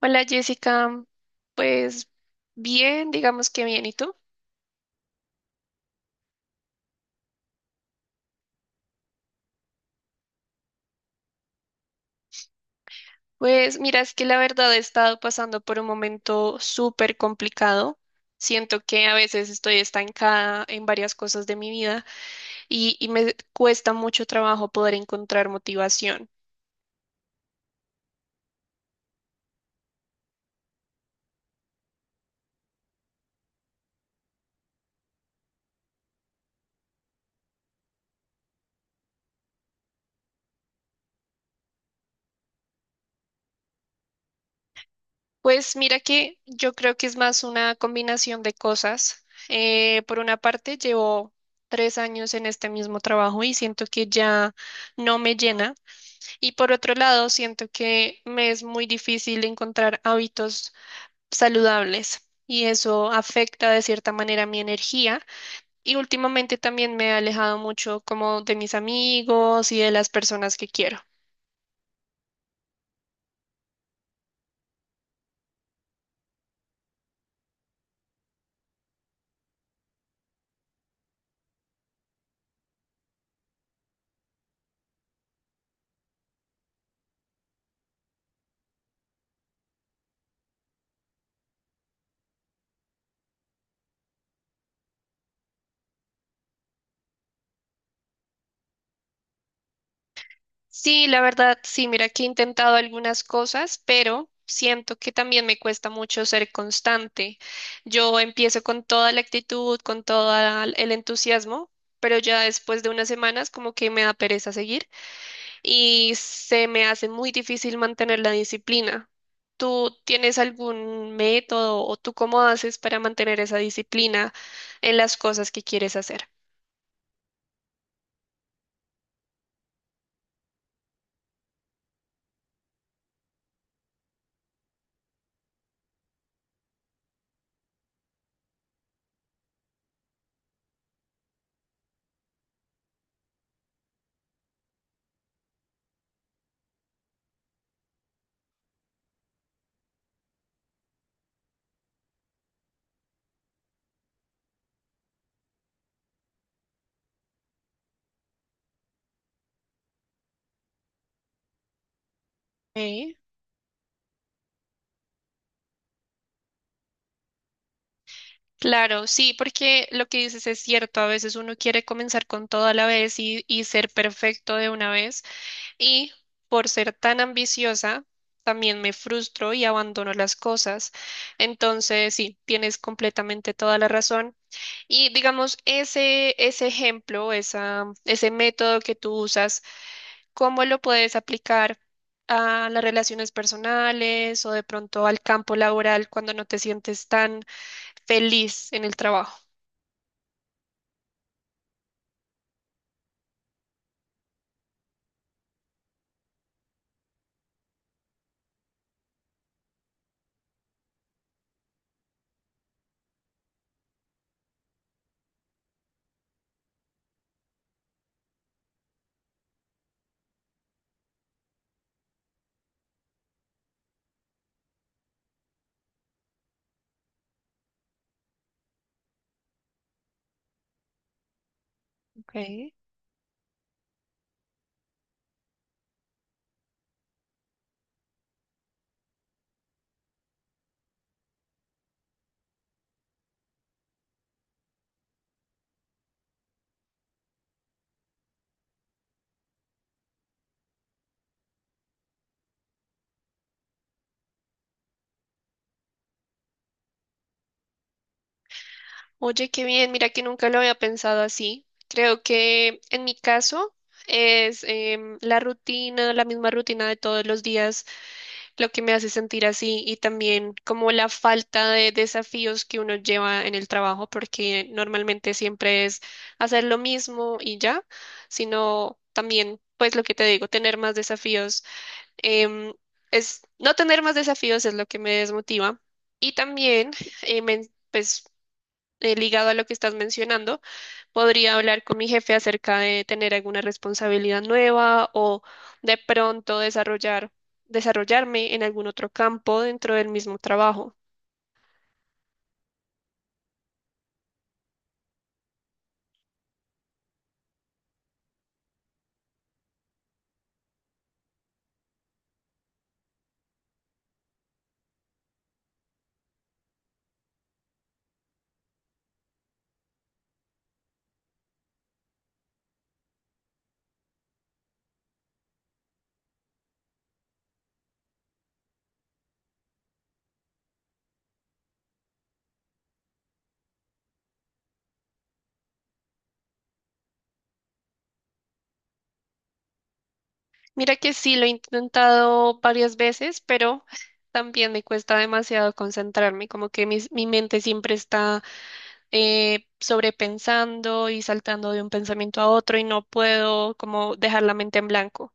Hola Jessica, pues bien, digamos que bien, ¿y tú? Pues mira, es que la verdad he estado pasando por un momento súper complicado. Siento que a veces estoy estancada en varias cosas de mi vida y me cuesta mucho trabajo poder encontrar motivación. Pues mira que yo creo que es más una combinación de cosas. Por una parte, llevo 3 años en este mismo trabajo y siento que ya no me llena. Y por otro lado, siento que me es muy difícil encontrar hábitos saludables y eso afecta de cierta manera mi energía. Y últimamente también me he alejado mucho como de mis amigos y de las personas que quiero. Sí, la verdad, sí, mira que he intentado algunas cosas, pero siento que también me cuesta mucho ser constante. Yo empiezo con toda la actitud, con todo el entusiasmo, pero ya después de unas semanas como que me da pereza seguir, y se me hace muy difícil mantener la disciplina. ¿Tú tienes algún método o tú cómo haces para mantener esa disciplina en las cosas que quieres hacer? Ok. Claro, sí, porque lo que dices es cierto, a veces uno quiere comenzar con todo a la vez y ser perfecto de una vez y por ser tan ambiciosa también me frustro y abandono las cosas. Entonces, sí, tienes completamente toda la razón. Y digamos, ese ejemplo, esa, ese método que tú usas, ¿cómo lo puedes aplicar a las relaciones personales o de pronto al campo laboral cuando no te sientes tan feliz en el trabajo? Ok. Oye, qué bien, mira que nunca lo había pensado así. Creo que en mi caso es la rutina, la misma rutina de todos los días lo que me hace sentir así y también como la falta de desafíos que uno lleva en el trabajo, porque normalmente siempre es hacer lo mismo y ya, sino también, pues lo que te digo, tener más desafíos. Em, es, no tener más desafíos es lo que me desmotiva. Y también, pues, ligado a lo que estás mencionando, podría hablar con mi jefe acerca de tener alguna responsabilidad nueva o de pronto desarrollar, desarrollarme en algún otro campo dentro del mismo trabajo. Mira que sí, lo he intentado varias veces, pero también me cuesta demasiado concentrarme, como que mi mente siempre está sobrepensando y saltando de un pensamiento a otro y no puedo como dejar la mente en blanco.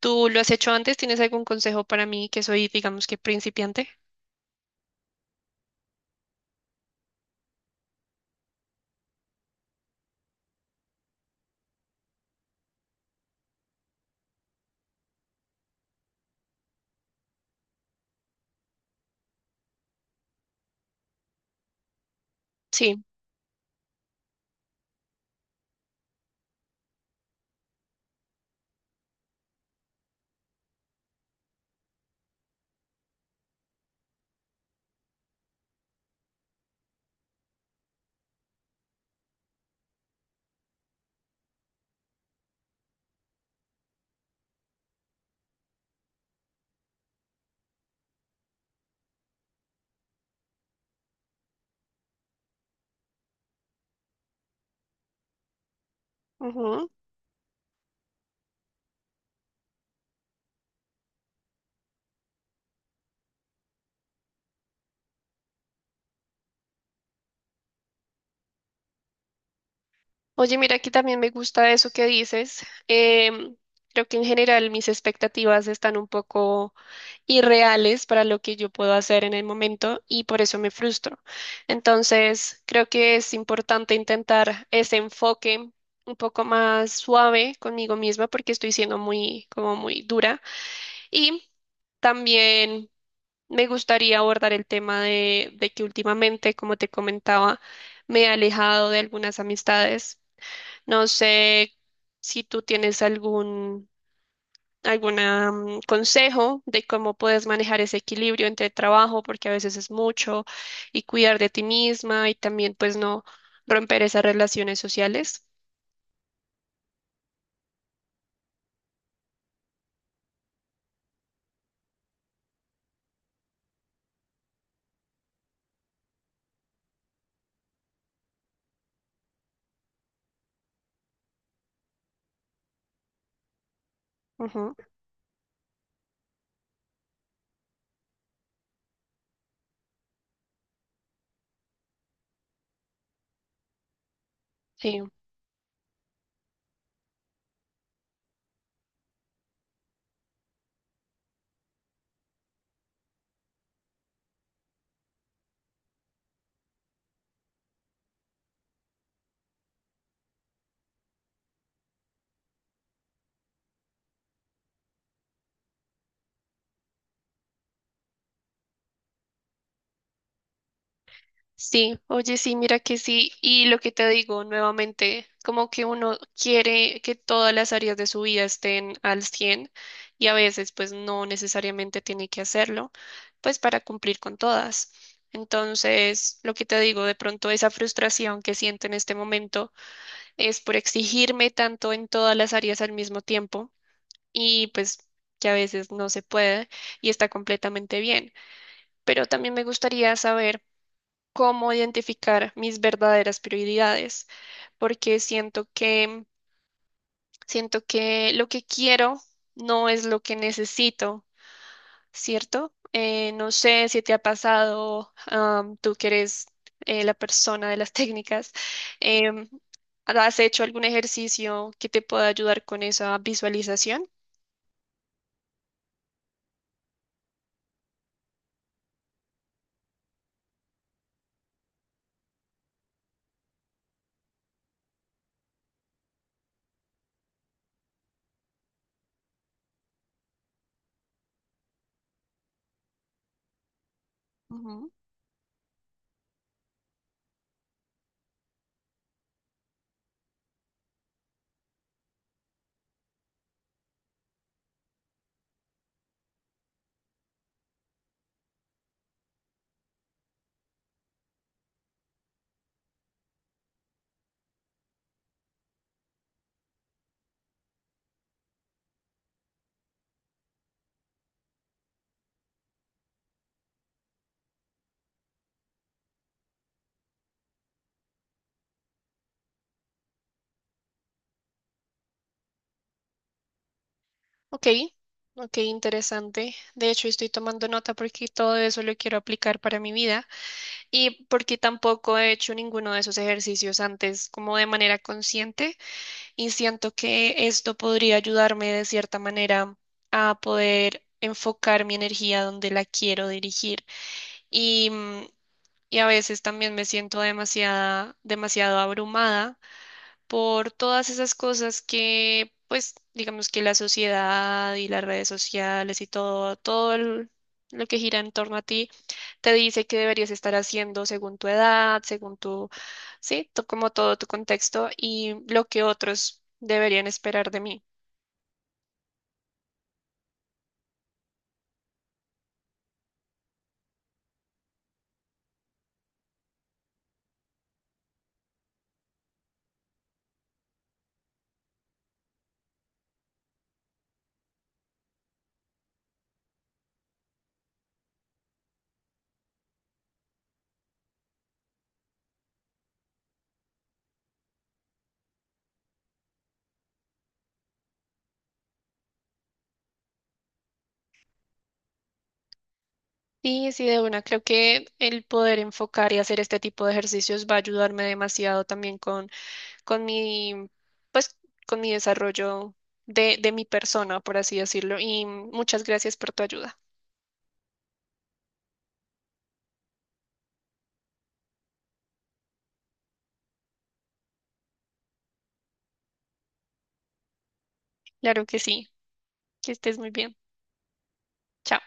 ¿Tú lo has hecho antes? ¿Tienes algún consejo para mí que soy, digamos que principiante? Sí. Ujú. Oye, mira, aquí también me gusta eso que dices. Creo que en general mis expectativas están un poco irreales para lo que yo puedo hacer en el momento y por eso me frustro. Entonces, creo que es importante intentar ese enfoque un poco más suave conmigo misma porque estoy siendo muy, como muy dura. Y también me gustaría abordar el tema de que últimamente, como te comentaba, me he alejado de algunas amistades, no sé si tú tienes algún alguna consejo de cómo puedes manejar ese equilibrio entre trabajo, porque a veces es mucho, y cuidar de ti misma y también pues no romper esas relaciones sociales. Ujú, sí. Sí, oye, sí, mira que sí. Y lo que te digo nuevamente, como que uno quiere que todas las áreas de su vida estén al 100, y a veces pues no necesariamente tiene que hacerlo, pues para cumplir con todas. Entonces, lo que te digo, de pronto esa frustración que siento en este momento es por exigirme tanto en todas las áreas al mismo tiempo y pues que a veces no se puede y está completamente bien. Pero también me gustaría saber cómo identificar mis verdaderas prioridades, porque siento que lo que quiero no es lo que necesito, ¿cierto? No sé si te ha pasado, tú que eres la persona de las técnicas, em, ¿has hecho algún ejercicio que te pueda ayudar con esa visualización? Ujú. Ok, ok, interesante. De hecho, estoy tomando nota porque todo eso lo quiero aplicar para mi vida y porque tampoco he hecho ninguno de esos ejercicios antes como de manera consciente y siento que esto podría ayudarme de cierta manera a poder enfocar mi energía donde la quiero dirigir y, mm, y a veces también me siento demasiada, demasiado abrumada por todas esas cosas que, pues, digamos que la sociedad y las redes sociales y todo lo que gira en torno a ti, te dice que deberías estar haciendo según tu edad, según tu, sí, como todo tu contexto y lo que otros deberían esperar de mí. Sí, sí, de una. Creo que el poder enfocar y hacer este tipo de ejercicios va a ayudarme demasiado también con mi, pues, con mi desarrollo de mi persona, por así decirlo. Y muchas gracias por tu ayuda. Claro que sí, que estés muy bien. Chao.